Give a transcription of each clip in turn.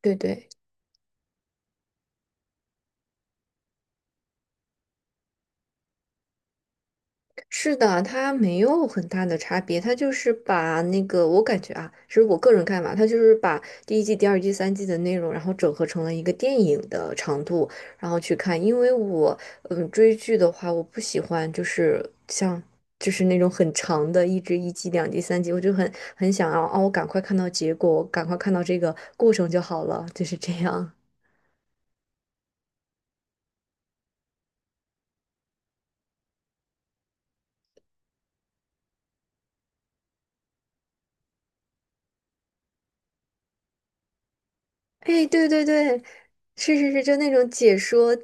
对对，是的，它没有很大的差别，它就是把那个，我感觉啊，是我个人看法，它就是把第一季、第二季、三季的内容，然后整合成了一个电影的长度，然后去看。因为我，追剧的话，我不喜欢就是像就是那种很长的，一直一季、两季、三集，我就很想要哦，我赶快看到结果，我赶快看到这个过程就好了，就是这样。哎，对对对，是是是，就那种解说。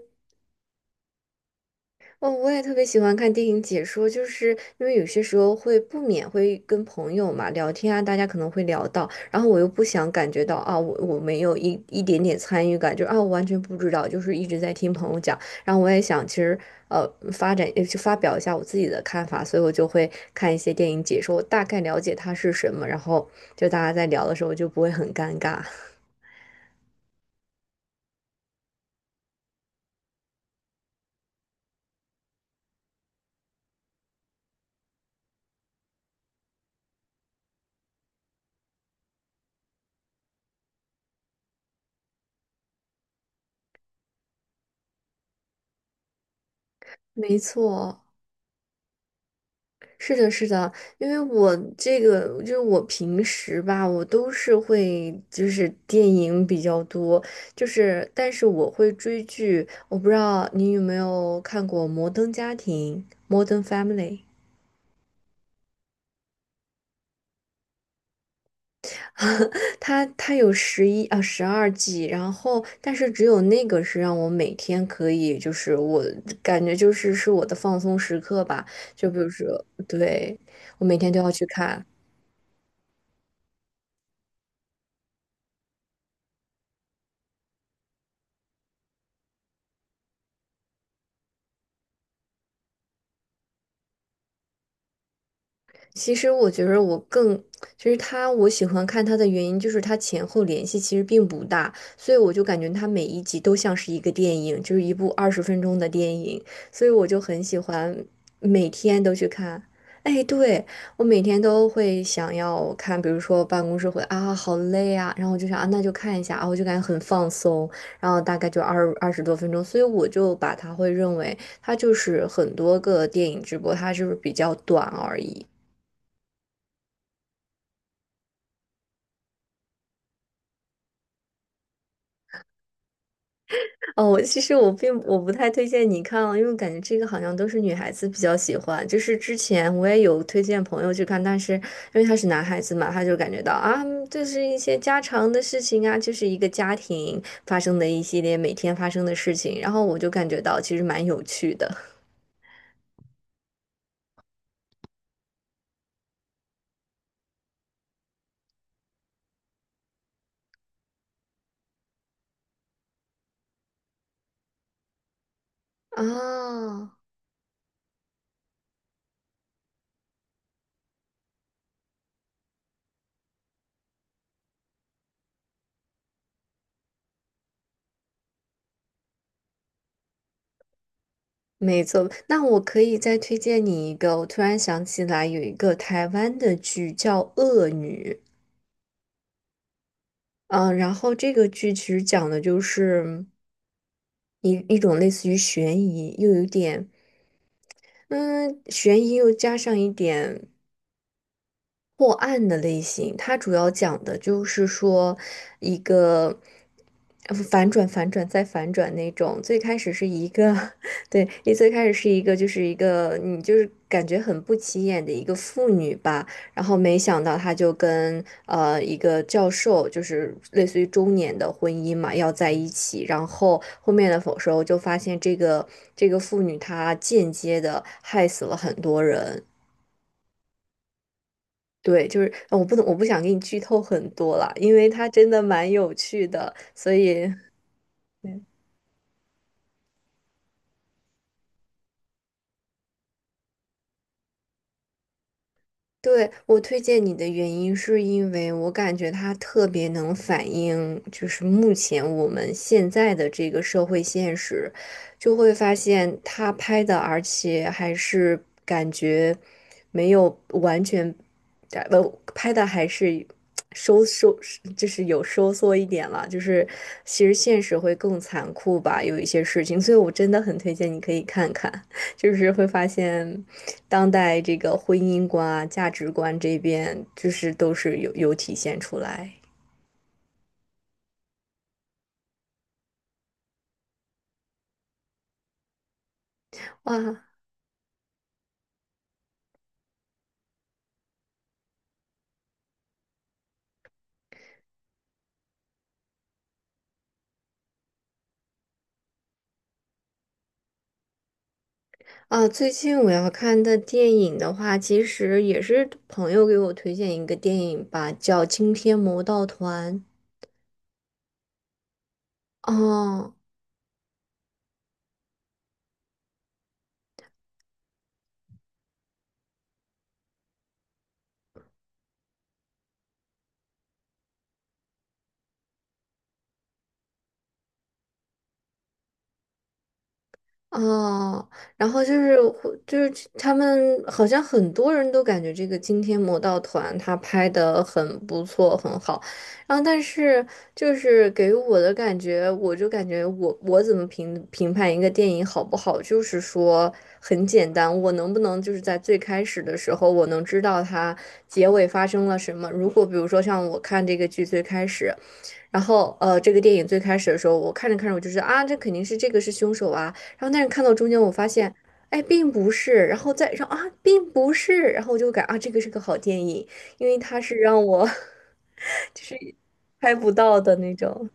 哦，我也特别喜欢看电影解说，就是因为有些时候会不免会跟朋友嘛聊天啊，大家可能会聊到，然后我又不想感觉到啊，我没有一点点参与感，就是啊，我完全不知道，就是一直在听朋友讲，然后我也想其实呃发展呃去发表一下我自己的看法，所以我就会看一些电影解说，我大概了解它是什么，然后就大家在聊的时候就不会很尴尬。没错。是的，是的，因为我这个就是我平时吧，我都是会就是电影比较多，就是但是我会追剧，我不知道你有没有看过《摩登家庭 m o Family),它有十一啊十二季，然后但是只有那个是让我每天可以，就是我感觉就是是我的放松时刻吧，就比如说对我每天都要去看。其实我觉得我更，其实他我喜欢看他的原因就是他前后联系其实并不大，所以我就感觉他每一集都像是一个电影，就是一部二十分钟的电影，所以我就很喜欢每天都去看。哎，对，我每天都会想要看，比如说办公室会啊，好累啊，然后我就想啊，那就看一下啊，我就感觉很放松，然后大概就二十多分钟，所以我就把它会认为它就是很多个电影直播，它就是比较短而已。哦，我其实我并我不太推荐你看了，因为感觉这个好像都是女孩子比较喜欢。就是之前我也有推荐朋友去看，但是因为他是男孩子嘛，他就感觉到啊，就是一些家常的事情啊，就是一个家庭发生的一系列每天发生的事情，然后我就感觉到其实蛮有趣的。啊，没错，那我可以再推荐你一个，我突然想起来有一个台湾的剧叫《恶女》。然后这个剧其实讲的就是一种类似于悬疑，又有点嗯悬疑，又加上一点破案的类型，它主要讲的就是说一个反转、反转再反转那种。最开始是一个，对，你最开始是一个，就是一个你就是感觉很不起眼的一个妇女吧，然后没想到她就跟一个教授，就是类似于中年的婚姻嘛，要在一起。然后后面的时候就发现这个妇女她间接的害死了很多人。对，就是我不能，我不想给你剧透很多了，因为它真的蛮有趣的，所以对，我推荐你的原因是因为我感觉他特别能反映，就是目前我们现在的这个社会现实，就会发现他拍的，而且还是感觉没有完全，呃，拍的还是收收，就是有收缩一点了，就是其实现实会更残酷吧，有一些事情，所以我真的很推荐你可以看看，就是会发现。当代这个婚姻观啊、价值观这边，就是都是有体现出来。哇啊！最近我要看的电影的话，其实也是朋友给我推荐一个电影吧，叫《惊天魔盗团》。哦，哦，然后就是会就是他们好像很多人都感觉这个惊天魔盗团他拍的很不错很好，然后但是就是给我的感觉，我就感觉我怎么评判一个电影好不好，就是说很简单，我能不能就是在最开始的时候我能知道它结尾发生了什么？如果比如说像我看这个剧最开始。然后呃，这个电影最开始的时候，我看着看着，我就是啊，这肯定是这个是凶手啊。然后但是看到中间，我发现，哎，并不是。然后再让啊，并不是。然后我就感啊，这个是个好电影，因为它是让我 拍不到的那种。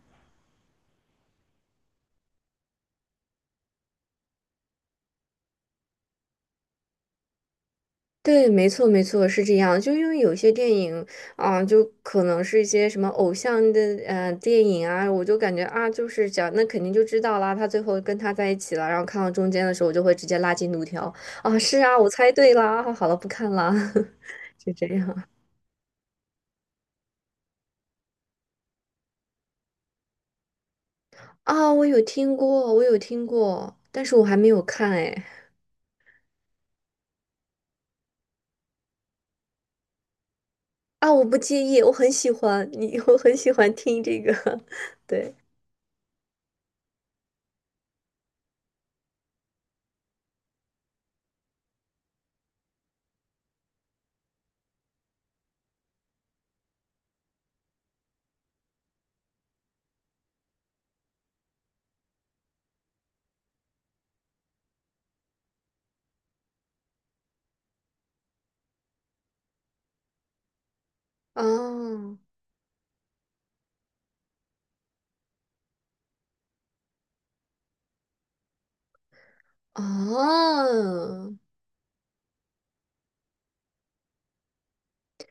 对，没错，没错，是这样。就因为有些电影啊，就可能是一些什么偶像的电影啊，我就感觉啊，就是讲那肯定就知道啦，他最后跟他在一起了。然后看到中间的时候，我就会直接拉进度条啊，是啊，我猜对啦，啊好了，不看啦，就这样啊。我有听过，我有听过，但是我还没有看哎。啊，我不介意，我很喜欢你，我很喜欢听这个，对，哦，哦。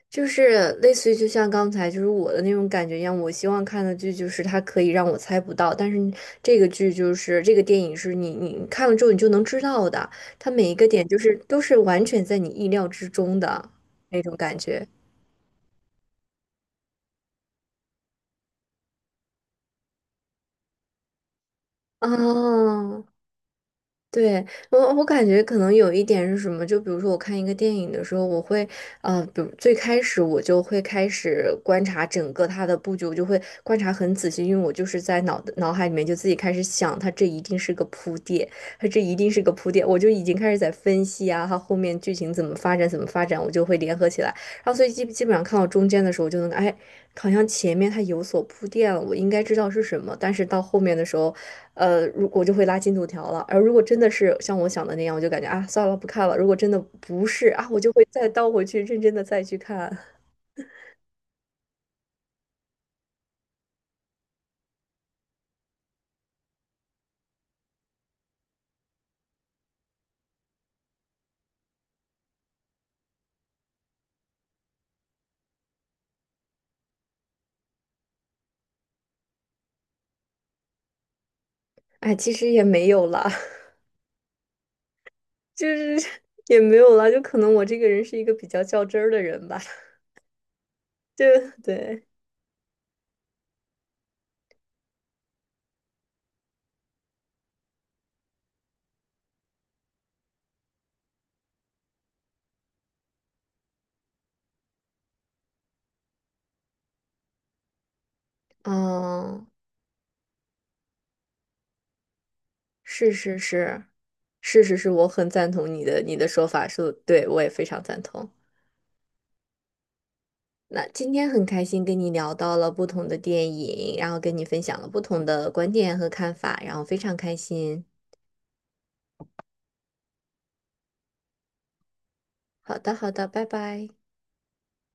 就是类似于就像刚才就是我的那种感觉一样，我希望看的剧就是它可以让我猜不到，但是这个剧就是这个电影是你看了之后你就能知道的，它每一个点就是都是完全在你意料之中的那种感觉。啊。对，我我感觉可能有一点是什么，就比如说我看一个电影的时候，我会，呃，比如最开始我就会开始观察整个它的布局，我就会观察很仔细，因为我就是在脑海里面就自己开始想，它这一定是个铺垫，它这一定是个铺垫，我就已经开始在分析啊，它后面剧情怎么发展，怎么发展，我就会联合起来，然后所以基本上看到中间的时候，我就能，哎，好像前面它有所铺垫了，我应该知道是什么，但是到后面的时候。呃，如我就会拉进度条了。而如果真的是像我想的那样，我就感觉啊，算了，不看了。如果真的不是啊，我就会再倒回去，认真的再去看。哎，其实也没有啦，就是也没有啦，就可能我这个人是一个比较较真儿的人吧，就对，嗯，是是是，是是是，我很赞同你的说法，是对我也非常赞同。那今天很开心跟你聊到了不同的电影，然后跟你分享了不同的观点和看法，然后非常开心。好的，好的，拜拜。